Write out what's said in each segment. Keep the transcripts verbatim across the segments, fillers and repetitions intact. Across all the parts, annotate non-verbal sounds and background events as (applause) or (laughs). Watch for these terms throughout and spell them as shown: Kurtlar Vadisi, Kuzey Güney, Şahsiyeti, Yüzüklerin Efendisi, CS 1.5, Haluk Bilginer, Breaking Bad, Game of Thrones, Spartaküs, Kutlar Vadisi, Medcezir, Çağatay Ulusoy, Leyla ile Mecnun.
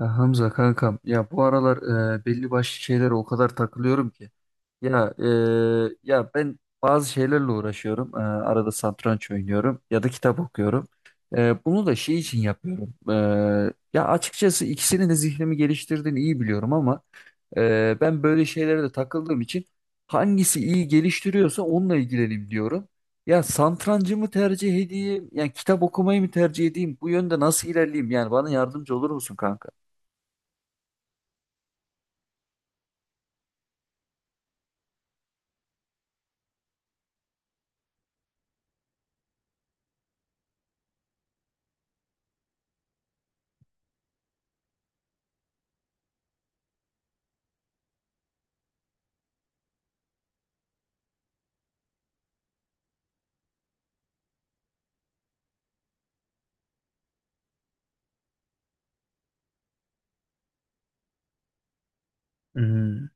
Ya Hamza kankam ya bu aralar e, belli başlı şeylere o kadar takılıyorum ki. ya e, Ya ben bazı şeylerle uğraşıyorum. E, arada satranç oynuyorum ya da kitap okuyorum. E, bunu da şey için yapıyorum E, Ya açıkçası ikisinin de zihnimi geliştirdiğini iyi biliyorum, ama e, ben böyle şeylere de takıldığım için hangisi iyi geliştiriyorsa onunla ilgileneyim diyorum. Ya satrancı mı tercih edeyim? Yani kitap okumayı mı tercih edeyim? Bu yönde nasıl ilerleyeyim? Yani bana yardımcı olur musun kanka? Hmm,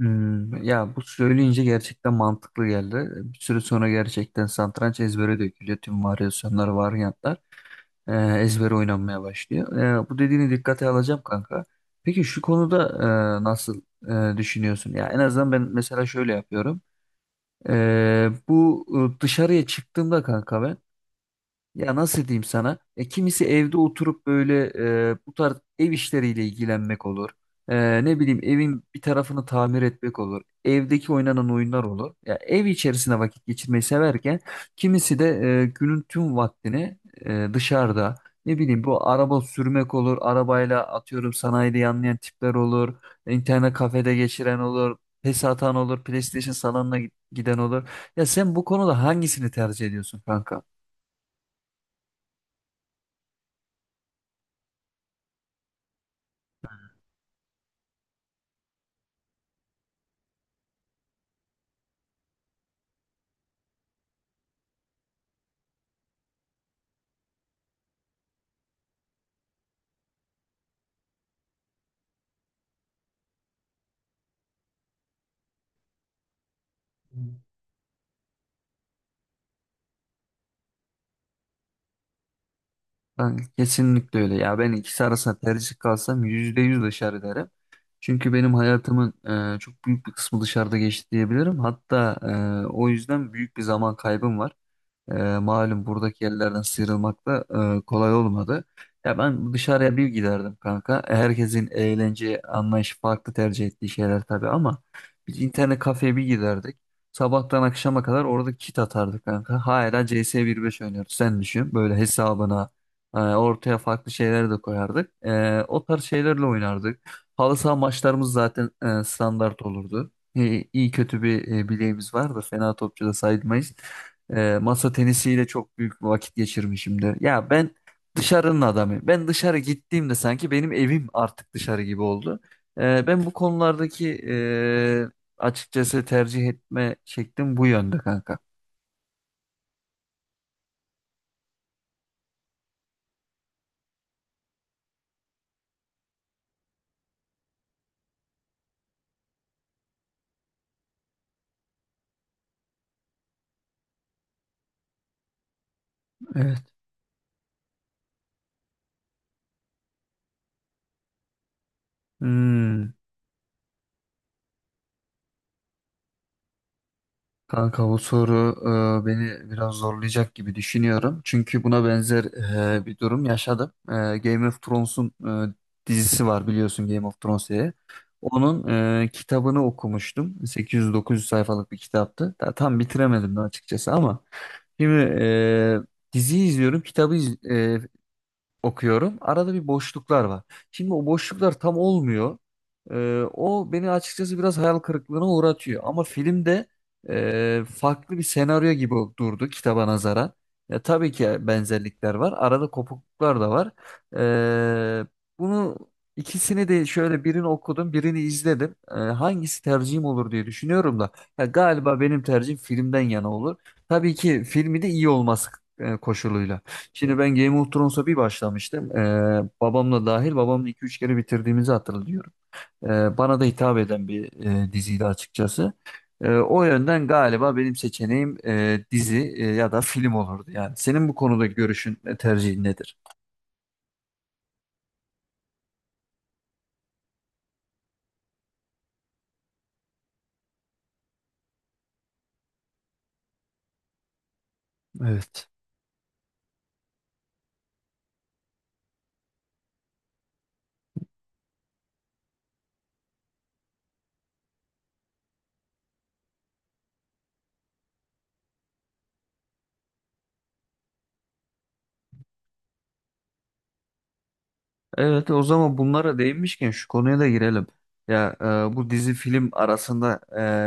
hmm. Ya bu söyleyince gerçekten mantıklı geldi. Bir süre sonra gerçekten satranç ezbere dökülüyor. Tüm varyasyonlar, varyantlar e, ezbere oynanmaya başlıyor. E, bu dediğini dikkate alacağım kanka. Peki şu konuda e, nasıl e, düşünüyorsun? Ya en azından ben mesela şöyle yapıyorum. E, bu e, dışarıya çıktığımda kanka ben. Ya nasıl diyeyim sana? E, kimisi evde oturup böyle e, bu tarz ev işleriyle ilgilenmek olur. E, ne bileyim evin bir tarafını tamir etmek olur. Evdeki oynanan oyunlar olur. Ya ev içerisinde vakit geçirmeyi severken kimisi de e, günün tüm vaktini e, dışarıda. Ne bileyim bu araba sürmek olur. Arabayla atıyorum sanayide yanlayan tipler olur. İnternet kafede geçiren olur. PES atan olur. PlayStation salonuna giden olur. Ya sen bu konuda hangisini tercih ediyorsun kanka? Ben kesinlikle öyle ya. Ben ikisi arasında tercih kalsam yüzde yüz dışarı derim. Çünkü benim hayatımın e, çok büyük bir kısmı dışarıda geçti diyebilirim. Hatta e, o yüzden büyük bir zaman kaybım var. E, malum buradaki yerlerden sıyrılmak da e, kolay olmadı. Ya ben dışarıya bir giderdim kanka. Herkesin eğlence anlayışı farklı, tercih ettiği şeyler tabii, ama biz internet kafeye bir giderdik. Sabahtan akşama kadar orada kit atardık kanka. Hala C S bir nokta beş oynuyoruz. Sen düşün. Böyle hesabına e, ortaya farklı şeyler de koyardık. E, o tarz şeylerle oynardık. Halı saha maçlarımız zaten e, standart olurdu. E, iyi kötü bir e, bileğimiz vardı. Fena topçu da sayılmayız. E, masa tenisiyle çok büyük bir vakit geçirmişimdir. Ya ben dışarının adamıyım. Ben dışarı gittiğimde sanki benim evim artık dışarı gibi oldu. E, ben bu konulardaki e, açıkçası tercih etme şeklim bu yönde kanka. Evet. Hmm. Kanka bu soru e, beni biraz zorlayacak gibi düşünüyorum. Çünkü buna benzer e, bir durum yaşadım. E, Game of Thrones'un e, dizisi var, biliyorsun, Game of Thrones diye. Onun e, kitabını okumuştum. sekiz yüz dokuz yüz sayfalık bir kitaptı. Ta- tam bitiremedim de açıkçası, ama şimdi e, diziyi izliyorum, kitabı iz- e, okuyorum. Arada bir boşluklar var. Şimdi o boşluklar tam olmuyor. Ee, o beni açıkçası biraz hayal kırıklığına uğratıyor. Ama filmde e, farklı bir senaryo gibi durdu kitaba nazaran. Ya, tabii ki benzerlikler var. Arada kopukluklar da var. Ee, Bunu ikisini de şöyle birini okudum, birini izledim. Ee, hangisi tercihim olur diye düşünüyorum da. Ya, galiba benim tercihim filmden yana olur. Tabii ki filmi de iyi olması e, koşuluyla. Şimdi ben Game of Thrones'a bir başlamıştım. Ee, babamla dahil babamla iki üç kere bitirdiğimizi hatırlıyorum. Ee, Bana da hitap eden bir e, diziydi açıkçası. Ee, o yönden galiba benim seçeneğim e, dizi e, ya da (laughs) film olurdu yani. Senin bu konudaki görüşün, e, tercihin nedir? Evet. Evet, o zaman bunlara değinmişken şu konuya da girelim. Ya e, bu dizi film arasında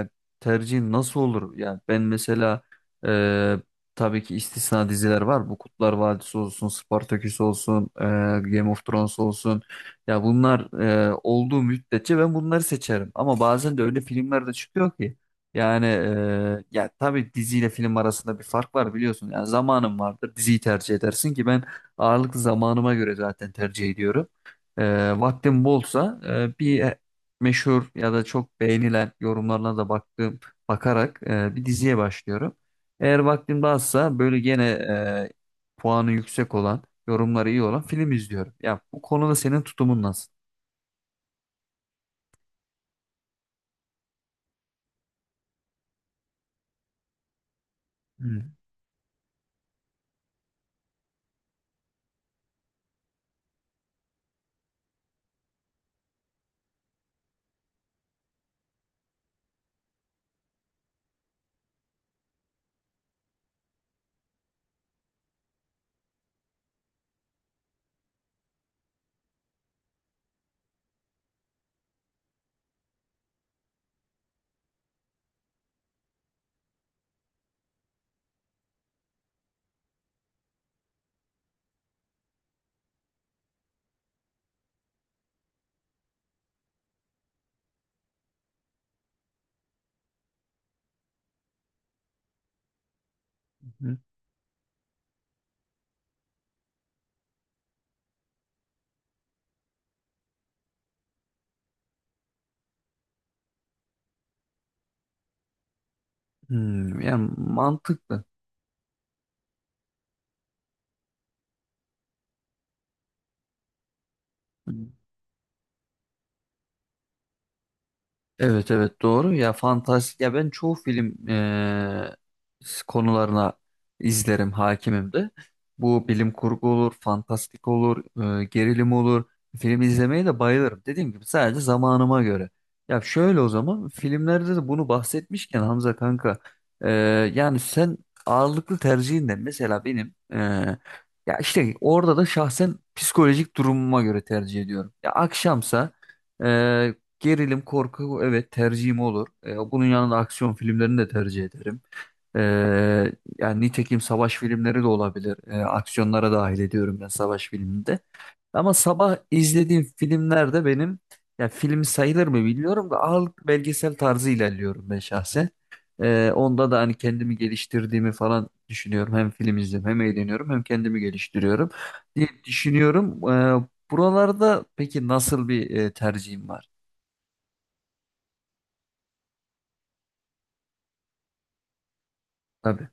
e, tercihin nasıl olur? Ya ben mesela e, tabii ki istisna diziler var. Bu Kutlar Vadisi olsun, Spartaküs olsun, e, Game of Thrones olsun. Ya bunlar e, olduğu müddetçe ben bunları seçerim. Ama bazen de öyle filmler de çıkıyor ki. Yani e, ya tabii diziyle film arasında bir fark var, biliyorsun. Yani zamanın vardır. Diziyi tercih edersin ki ben ağırlık zamanıma göre zaten tercih ediyorum. E, vaktim bolsa e, bir meşhur ya da çok beğenilen yorumlarına da baktığım bakarak e, bir diziye başlıyorum. Eğer vaktim de azsa böyle gene e, puanı yüksek olan, yorumları iyi olan film izliyorum. Ya bu konuda senin tutumun nasıl? Hmm. Hmm, yani mantıklı. Evet, evet, doğru ya, fantastik. Ya ben çoğu film eee, konularına izlerim, hakimim de. Bu bilim kurgu olur, fantastik olur, eee, gerilim olur. Film izlemeye de bayılırım. Dediğim gibi sadece zamanıma göre. Ya şöyle, o zaman filmlerde de bunu bahsetmişken Hamza kanka, eee, yani sen ağırlıklı tercihin ne? Mesela benim eee, ya işte orada da şahsen psikolojik durumuma göre tercih ediyorum. Ya akşamsa gerilim, korku, evet, tercihim olur. E, bunun yanında aksiyon filmlerini de tercih ederim. E, Yani nitekim savaş filmleri de olabilir. E, aksiyonlara dahil ediyorum ben savaş filminde. Ama sabah izlediğim filmlerde benim, ya film sayılır mı bilmiyorum da, ağırlıklı belgesel tarzı ilerliyorum ben şahsen. E, onda da hani kendimi geliştirdiğimi falan düşünüyorum. Hem film izliyorum, hem eğleniyorum, hem kendimi geliştiriyorum diye düşünüyorum. E, buralarda peki nasıl bir e, tercihim var? Tabii.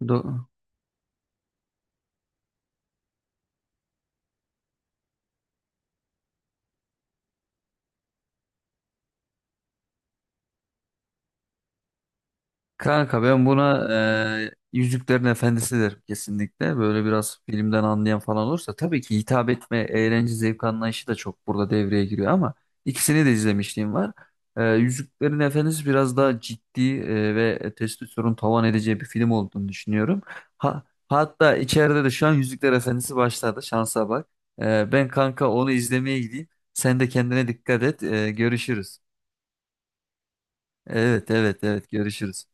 Do- Kanka ben buna eee Yüzüklerin Efendisi derim kesinlikle. Böyle biraz filmden anlayan falan olursa tabii ki, hitap etme, eğlence, zevk anlayışı da çok burada devreye giriyor, ama ikisini de izlemişliğim var. Eee, Yüzüklerin Efendisi biraz daha ciddi eee, ve testosteron tavan edeceği bir film olduğunu düşünüyorum. Ha, hatta içeride de şu an Yüzükler Efendisi başladı. Şansa bak. Eee, ben kanka onu izlemeye gideyim. Sen de kendine dikkat et. Eee, görüşürüz. Evet, evet, evet, görüşürüz.